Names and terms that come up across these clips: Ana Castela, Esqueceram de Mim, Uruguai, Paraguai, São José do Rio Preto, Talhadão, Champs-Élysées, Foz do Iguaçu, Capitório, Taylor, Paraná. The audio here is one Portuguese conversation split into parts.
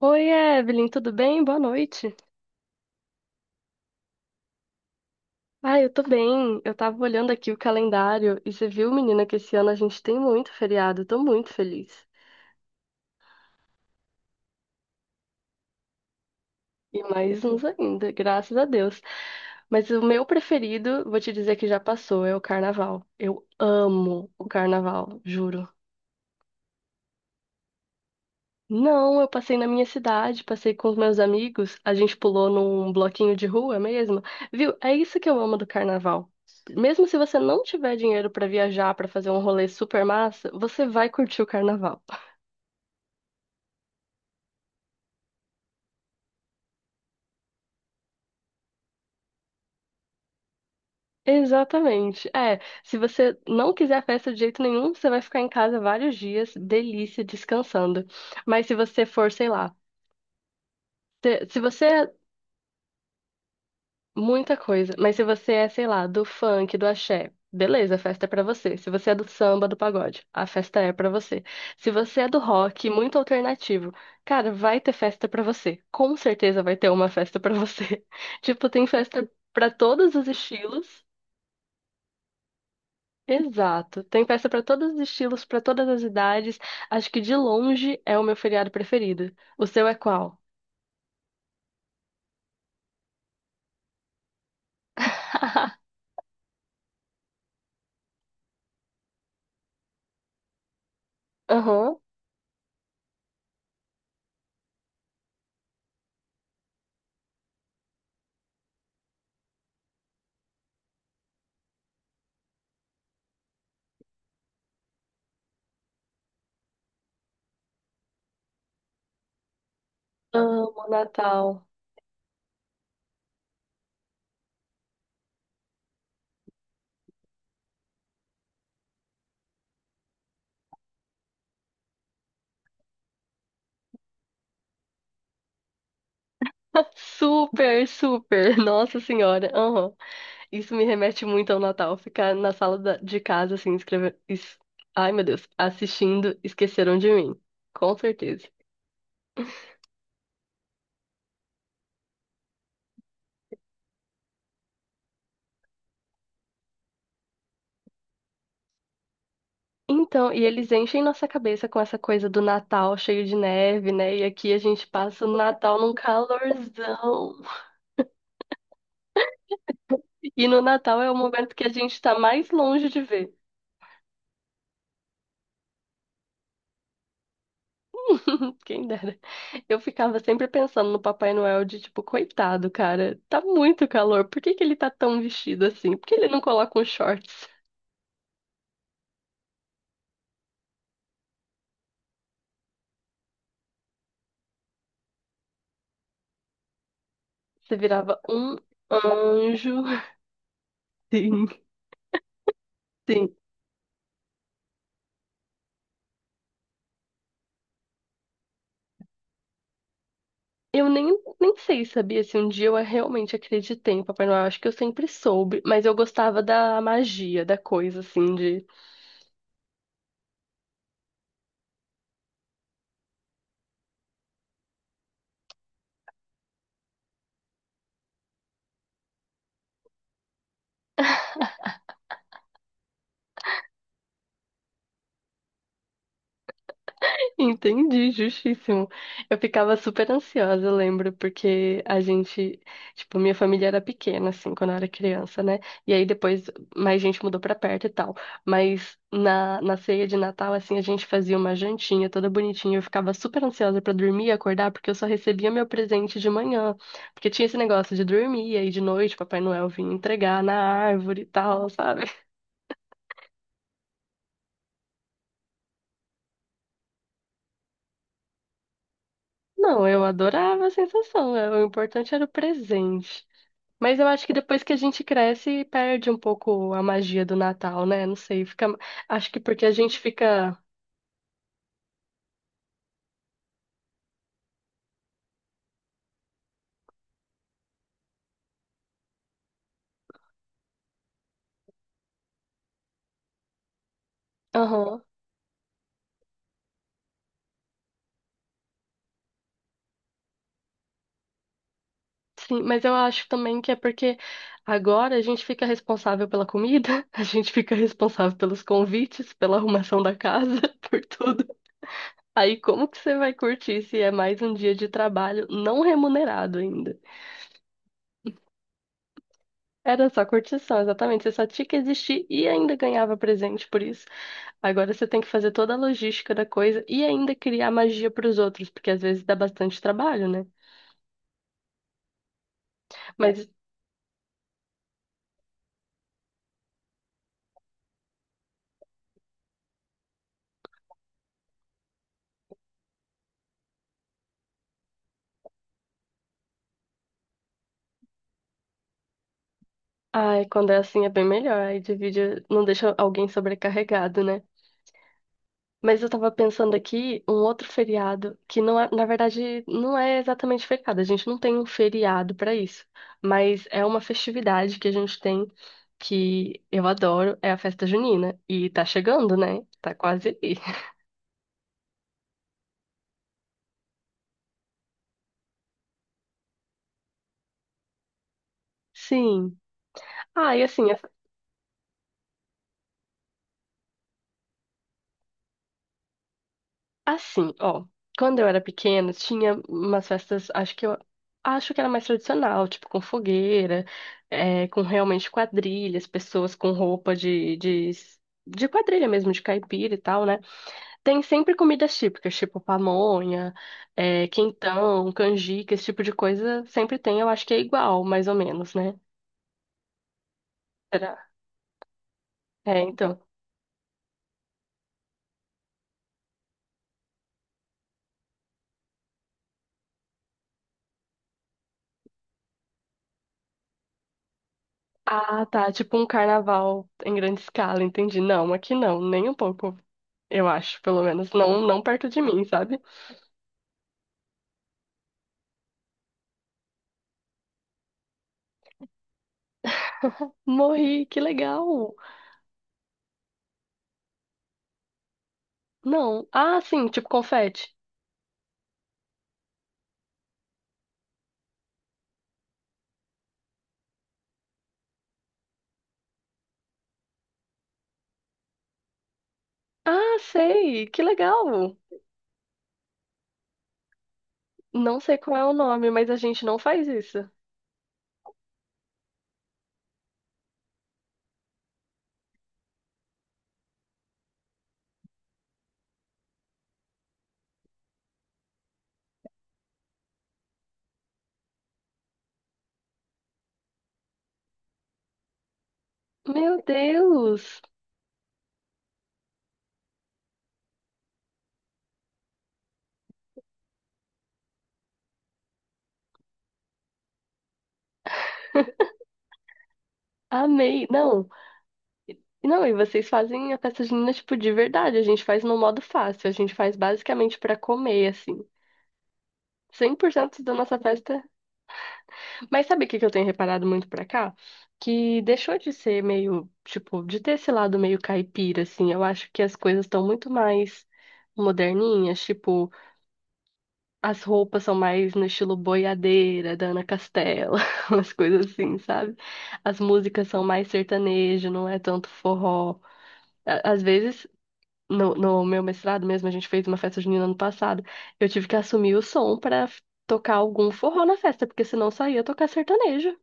Oi, Evelyn, tudo bem? Boa noite. Ah, eu tô bem. Eu tava olhando aqui o calendário e você viu, menina, que esse ano a gente tem muito feriado. Eu tô muito feliz. E mais uns ainda, graças a Deus. Mas o meu preferido, vou te dizer que já passou, é o carnaval. Eu amo o carnaval, juro. Não, eu passei na minha cidade, passei com os meus amigos, a gente pulou num bloquinho de rua mesmo. Viu? É isso que eu amo do carnaval. Mesmo se você não tiver dinheiro pra viajar, pra fazer um rolê super massa, você vai curtir o carnaval. Exatamente. É, se você não quiser a festa de jeito nenhum, você vai ficar em casa vários dias, delícia, descansando. Mas se você for, sei lá, se você. Muita coisa. Mas se você é, sei lá, do funk, do axé, beleza, a festa é pra você. Se você é do samba, do pagode, a festa é pra você. Se você é do rock, muito alternativo, cara, vai ter festa pra você. Com certeza vai ter uma festa pra você. Tipo, tem festa pra todos os estilos. Exato. Tem festa pra todos os estilos, pra todas as idades. Acho que de longe é o meu feriado preferido. O seu é qual? Aham. Amo Natal. Super, super. Nossa Senhora. Aham. Isso me remete muito ao Natal. Ficar na sala de casa, assim, escrevendo. Ai, meu Deus. Assistindo Esqueceram de Mim. Com certeza. Então, e eles enchem nossa cabeça com essa coisa do Natal cheio de neve, né? E aqui a gente passa o Natal num calorzão. E no Natal é o momento que a gente tá mais longe de ver. Quem dera. Eu ficava sempre pensando no Papai Noel de tipo, coitado, cara, tá muito calor. Por que que ele tá tão vestido assim? Por que ele não coloca uns shorts? Você virava um anjo. Sim, sim. Eu nem sei, sabia, se um dia eu realmente acreditei em Papai Noel. Acho que eu sempre soube, mas eu gostava da magia, da coisa, assim, de. Entendi, justíssimo. Eu ficava super ansiosa, eu lembro, porque a gente, tipo, minha família era pequena, assim, quando eu era criança, né? E aí depois mais gente mudou pra perto e tal. Mas na ceia de Natal, assim, a gente fazia uma jantinha toda bonitinha. Eu ficava super ansiosa pra dormir e acordar, porque eu só recebia meu presente de manhã. Porque tinha esse negócio de dormir, e aí de noite Papai Noel vinha entregar na árvore e tal, sabe? Não, eu adorava a sensação. É, o importante era o presente. Mas eu acho que depois que a gente cresce, perde um pouco a magia do Natal, né? Não sei, fica. Acho que porque a gente fica. Aham. Sim, mas eu acho também que é porque agora a gente fica responsável pela comida, a gente fica responsável pelos convites, pela arrumação da casa, por tudo. Aí como que você vai curtir se é mais um dia de trabalho não remunerado ainda? Era só curtição, exatamente. Você só tinha que existir e ainda ganhava presente por isso. Agora você tem que fazer toda a logística da coisa e ainda criar magia para os outros, porque às vezes dá bastante trabalho, né? É. Mas, ai, quando é assim é bem melhor. Aí divide, não deixa alguém sobrecarregado, né? Mas eu tava pensando aqui um outro feriado que não é, na verdade, não é exatamente feriado. A gente não tem um feriado para isso, mas é uma festividade que a gente tem que eu adoro, é a festa junina e tá chegando, né? Tá quase aí. Sim. Ah, e assim. Assim, ó, quando eu era pequena, tinha umas festas, acho que era mais tradicional, tipo com fogueira, é, com realmente quadrilhas, pessoas com roupa de quadrilha mesmo, de caipira e tal, né? Tem sempre comidas típicas, tipo pamonha, é, quentão, canjica, esse tipo de coisa sempre tem, eu acho que é igual, mais ou menos, né? Será? É, então. Ah, tá. Tipo um carnaval em grande escala, entendi. Não, aqui não, nem um pouco, eu acho, pelo menos. Não, não perto de mim, sabe? Morri, que legal. Não. Ah, sim, tipo confete. Ah, sei, que legal. Não sei qual é o nome, mas a gente não faz isso. Meu Deus, amei. Não, não, e vocês fazem a festa junina, tipo, de verdade. A gente faz no modo fácil, a gente faz basicamente pra comer, assim. Cem por cento da nossa festa. Mas sabe o que que eu tenho reparado muito pra cá? Que deixou de ser meio, tipo, de ter esse lado meio caipira, assim. Eu acho que as coisas estão muito mais moderninhas, tipo, as roupas são mais no estilo boiadeira, da Ana Castela, umas coisas assim, sabe? As músicas são mais sertanejo, não é tanto forró. Às vezes, no meu mestrado mesmo, a gente fez uma festa junina ano passado, eu tive que assumir o som pra tocar algum forró na festa, porque senão só ia tocar sertanejo.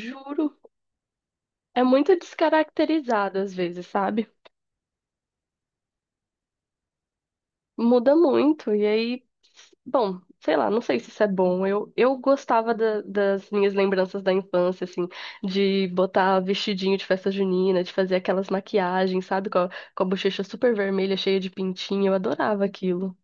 Juro. É muito descaracterizado às vezes, sabe? Muda muito. E aí, bom, sei lá, não sei se isso é bom. Eu gostava das minhas lembranças da infância, assim, de botar vestidinho de festa junina, de fazer aquelas maquiagens, sabe? Com a bochecha super vermelha, cheia de pintinho. Eu adorava aquilo.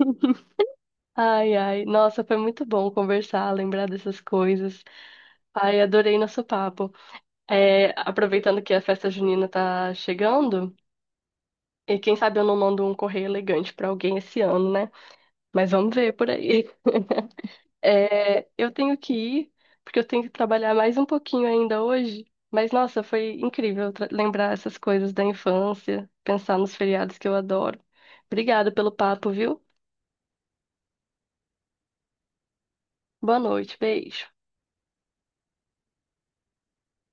Ai, ai. Nossa, foi muito bom conversar, lembrar dessas coisas. Ai, adorei nosso papo. É, aproveitando que a festa junina tá chegando. E quem sabe eu não mando um correio elegante pra alguém esse ano, né? Mas vamos ver por aí. É, eu tenho que ir, porque eu tenho que trabalhar mais um pouquinho ainda hoje. Mas nossa, foi incrível lembrar essas coisas da infância, pensar nos feriados que eu adoro. Obrigada pelo papo, viu? Boa noite, beijo.